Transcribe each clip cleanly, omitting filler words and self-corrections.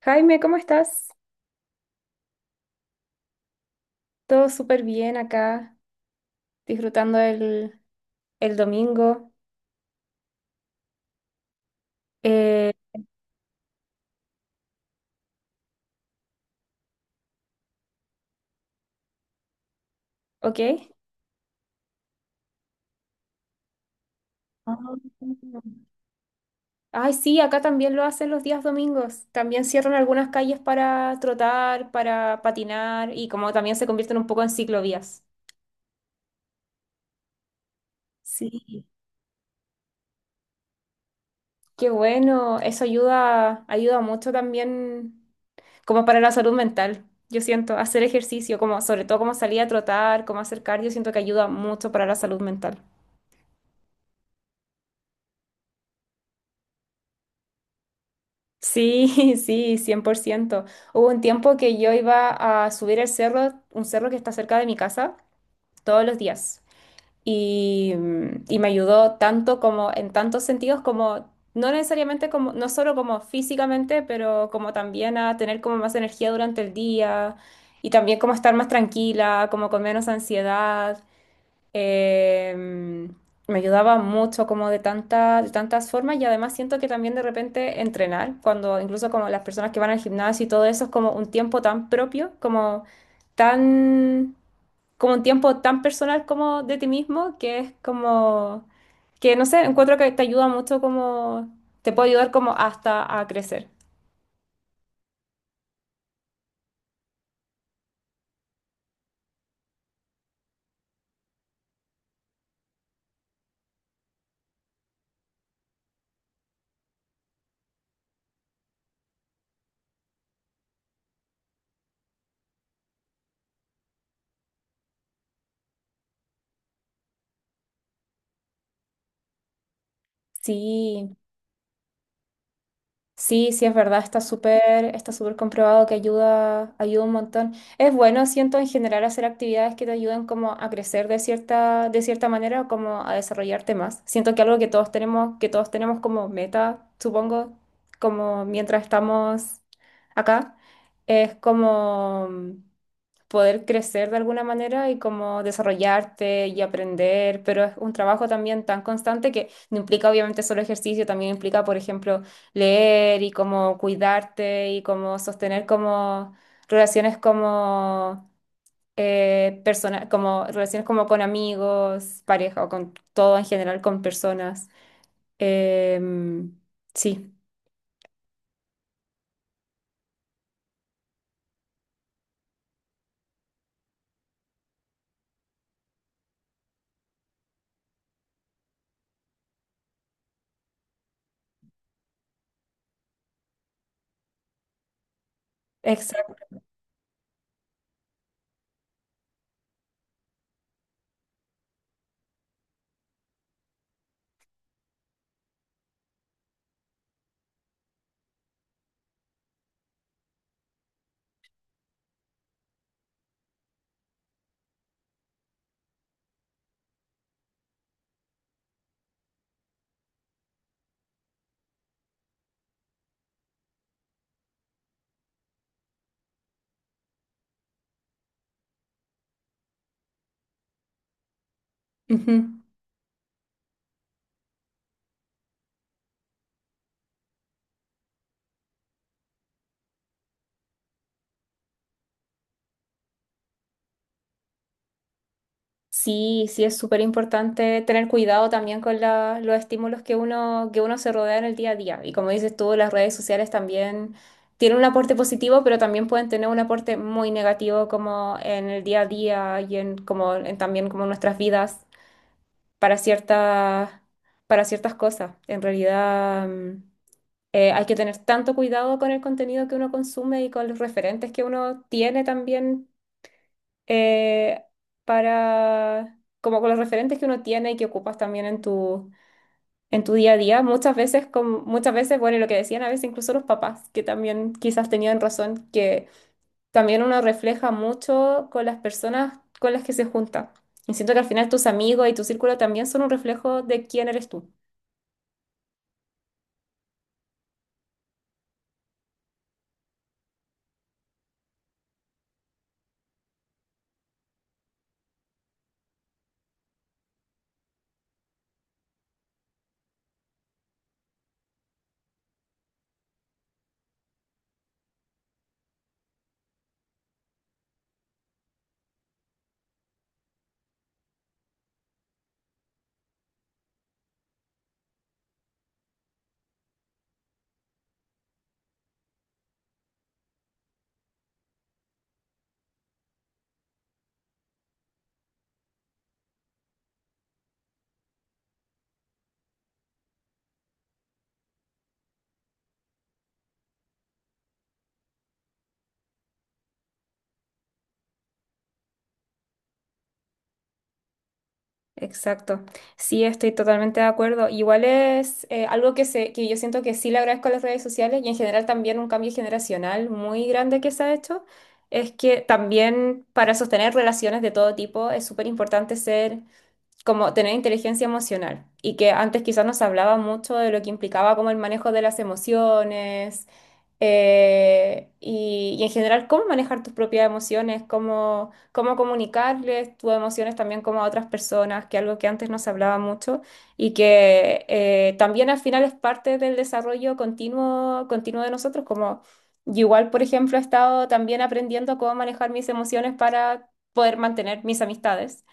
Jaime, ¿cómo estás? Todo súper bien acá, disfrutando el domingo. Eh, ¿Ok? Ah. Ay, sí, acá también lo hacen los días domingos. También cierran algunas calles para trotar, para patinar y como también se convierten un poco en ciclovías. Sí, qué bueno, eso ayuda, ayuda mucho también como para la salud mental. Yo siento hacer ejercicio, como sobre todo como salir a trotar, como hacer cardio, siento que ayuda mucho para la salud mental. Sí, sí, 100%. Hubo un tiempo que yo iba a subir el cerro, un cerro que está cerca de mi casa, todos los días. Y me ayudó tanto como en tantos sentidos como, no necesariamente como, no solo como físicamente, pero como también a tener como más energía durante el día y también como estar más tranquila, como con menos ansiedad. Em, Me ayudaba mucho como de tantas, formas y además siento que también de repente entrenar, cuando incluso como las personas que van al gimnasio y todo eso es como un tiempo tan propio, tan, como un tiempo tan personal como de ti mismo, que es como, que no sé, encuentro que te ayuda mucho como, te puede ayudar como hasta a crecer. Sí. Sí, sí, es verdad, está súper comprobado que ayuda, ayuda un montón. Es bueno, siento, en general hacer actividades que te ayuden como a crecer de cierta, manera o como a desarrollarte más. Siento que algo que todos tenemos como meta, supongo, como mientras estamos acá, es como poder crecer de alguna manera y como desarrollarte y aprender, pero es un trabajo también tan constante que no implica obviamente solo ejercicio, también implica, por ejemplo, leer y como cuidarte y como sostener como relaciones como como relaciones como con amigos, pareja o con todo en general, con personas. Em, sí, exacto. Ujú. Sí, sí es súper importante tener cuidado también con los estímulos que uno se rodea en el día a día. Y como dices tú, las redes sociales también tienen un aporte positivo, pero también pueden tener un aporte muy negativo como en el día a día y en, como, en también como nuestras vidas para ciertas, para ciertas cosas. En realidad, hay que tener tanto cuidado con el contenido que uno consume y con los referentes que uno tiene también eh, para, como con los referentes que uno tiene y que ocupas también en tu día a día. Muchas veces, como, muchas veces, bueno, y lo que decían a veces incluso los papás, que también quizás tenían razón, que también uno refleja mucho con las personas con las que se junta. Y siento que al final tus amigos y tu círculo también son un reflejo de quién eres tú. Exacto. Sí, estoy totalmente de acuerdo. Igual es algo que, se, que yo siento que sí le agradezco a las redes sociales y en general también un cambio generacional muy grande que se ha hecho. Es que también para sostener relaciones de todo tipo es súper importante ser como tener inteligencia emocional y que antes quizás nos hablaba mucho de lo que implicaba como el manejo de las emociones, y en general cómo manejar tus propias emociones, cómo, cómo comunicarles tus emociones también como a otras personas, que algo que antes no se hablaba mucho y que también al final es parte del desarrollo continuo, de nosotros, como yo igual, por ejemplo, he estado también aprendiendo cómo manejar mis emociones para poder mantener mis amistades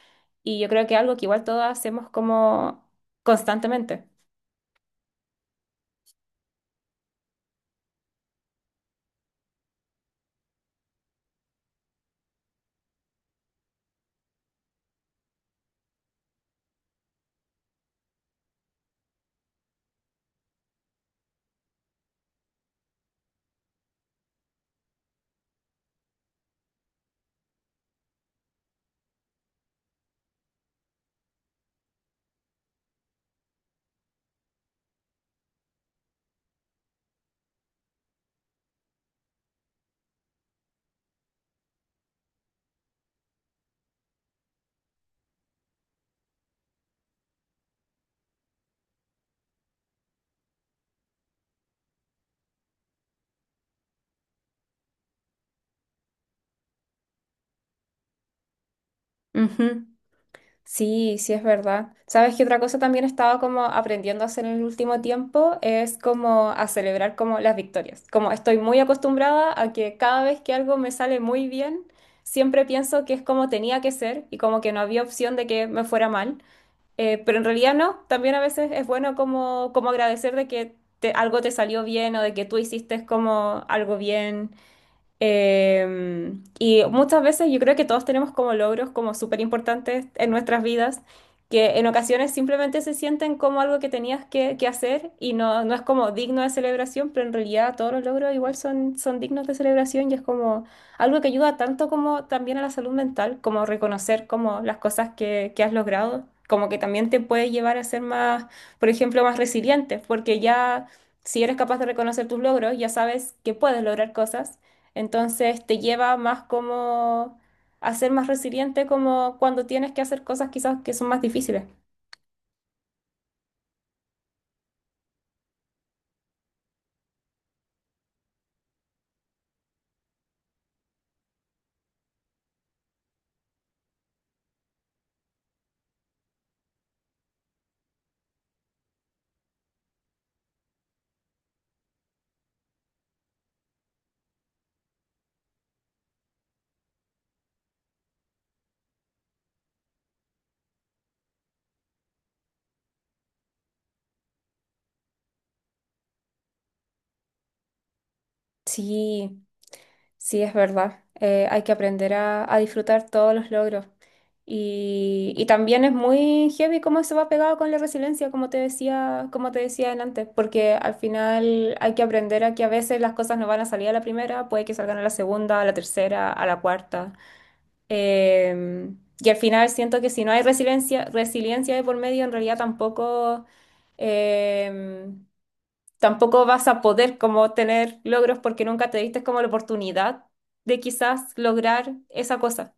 y yo creo que algo que igual todos hacemos como constantemente. Ujú. Sí, sí es verdad. ¿Sabes qué otra cosa también he estado como aprendiendo a hacer en el último tiempo? Es como a celebrar como las victorias. Como estoy muy acostumbrada a que cada vez que algo me sale muy bien, siempre pienso que es como tenía que ser y como que no había opción de que me fuera mal. Pero en realidad no, también a veces es bueno como, como agradecer de que algo te salió bien o de que tú hiciste como algo bien. Y muchas veces yo creo que todos tenemos como logros como súper importantes en nuestras vidas, que en ocasiones simplemente se sienten como algo que tenías que hacer y no, no es como digno de celebración, pero en realidad todos los logros igual son, son dignos de celebración y es como algo que ayuda tanto como también a la salud mental, como reconocer como las cosas que has logrado, como que también te puede llevar a ser más, por ejemplo, más resiliente, porque ya si eres capaz de reconocer tus logros, ya sabes que puedes lograr cosas entonces te lleva más como a ser más resiliente como cuando tienes que hacer cosas quizás que son más difíciles. Sí, sí, es verdad. Hay que aprender a disfrutar todos los logros. Y también es muy heavy cómo eso va pegado con la resiliencia, como te decía antes, porque al final hay que aprender a que a veces las cosas no van a salir a la primera, puede que salgan a la segunda, a la tercera, a la cuarta. Eh, y al final siento que si no hay resiliencia, de por medio, en realidad eh, tampoco vas a poder como tener logros porque nunca te diste como la oportunidad de quizás lograr esa cosa.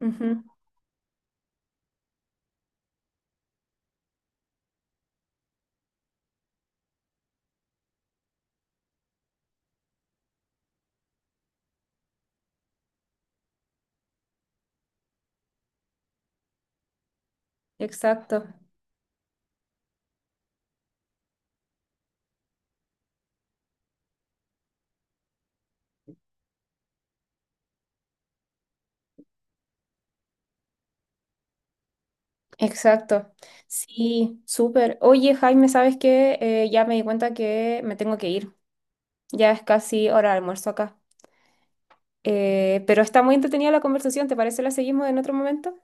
Ujú. Exacto, exacto. Sí, súper. Oye, Jaime, ¿sabes qué? Ya me di cuenta que me tengo que ir. Ya es casi hora de almuerzo acá. Pero está muy entretenida la conversación, ¿te parece? ¿La seguimos en otro momento?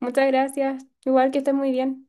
Muchas gracias. Igual que estés muy bien.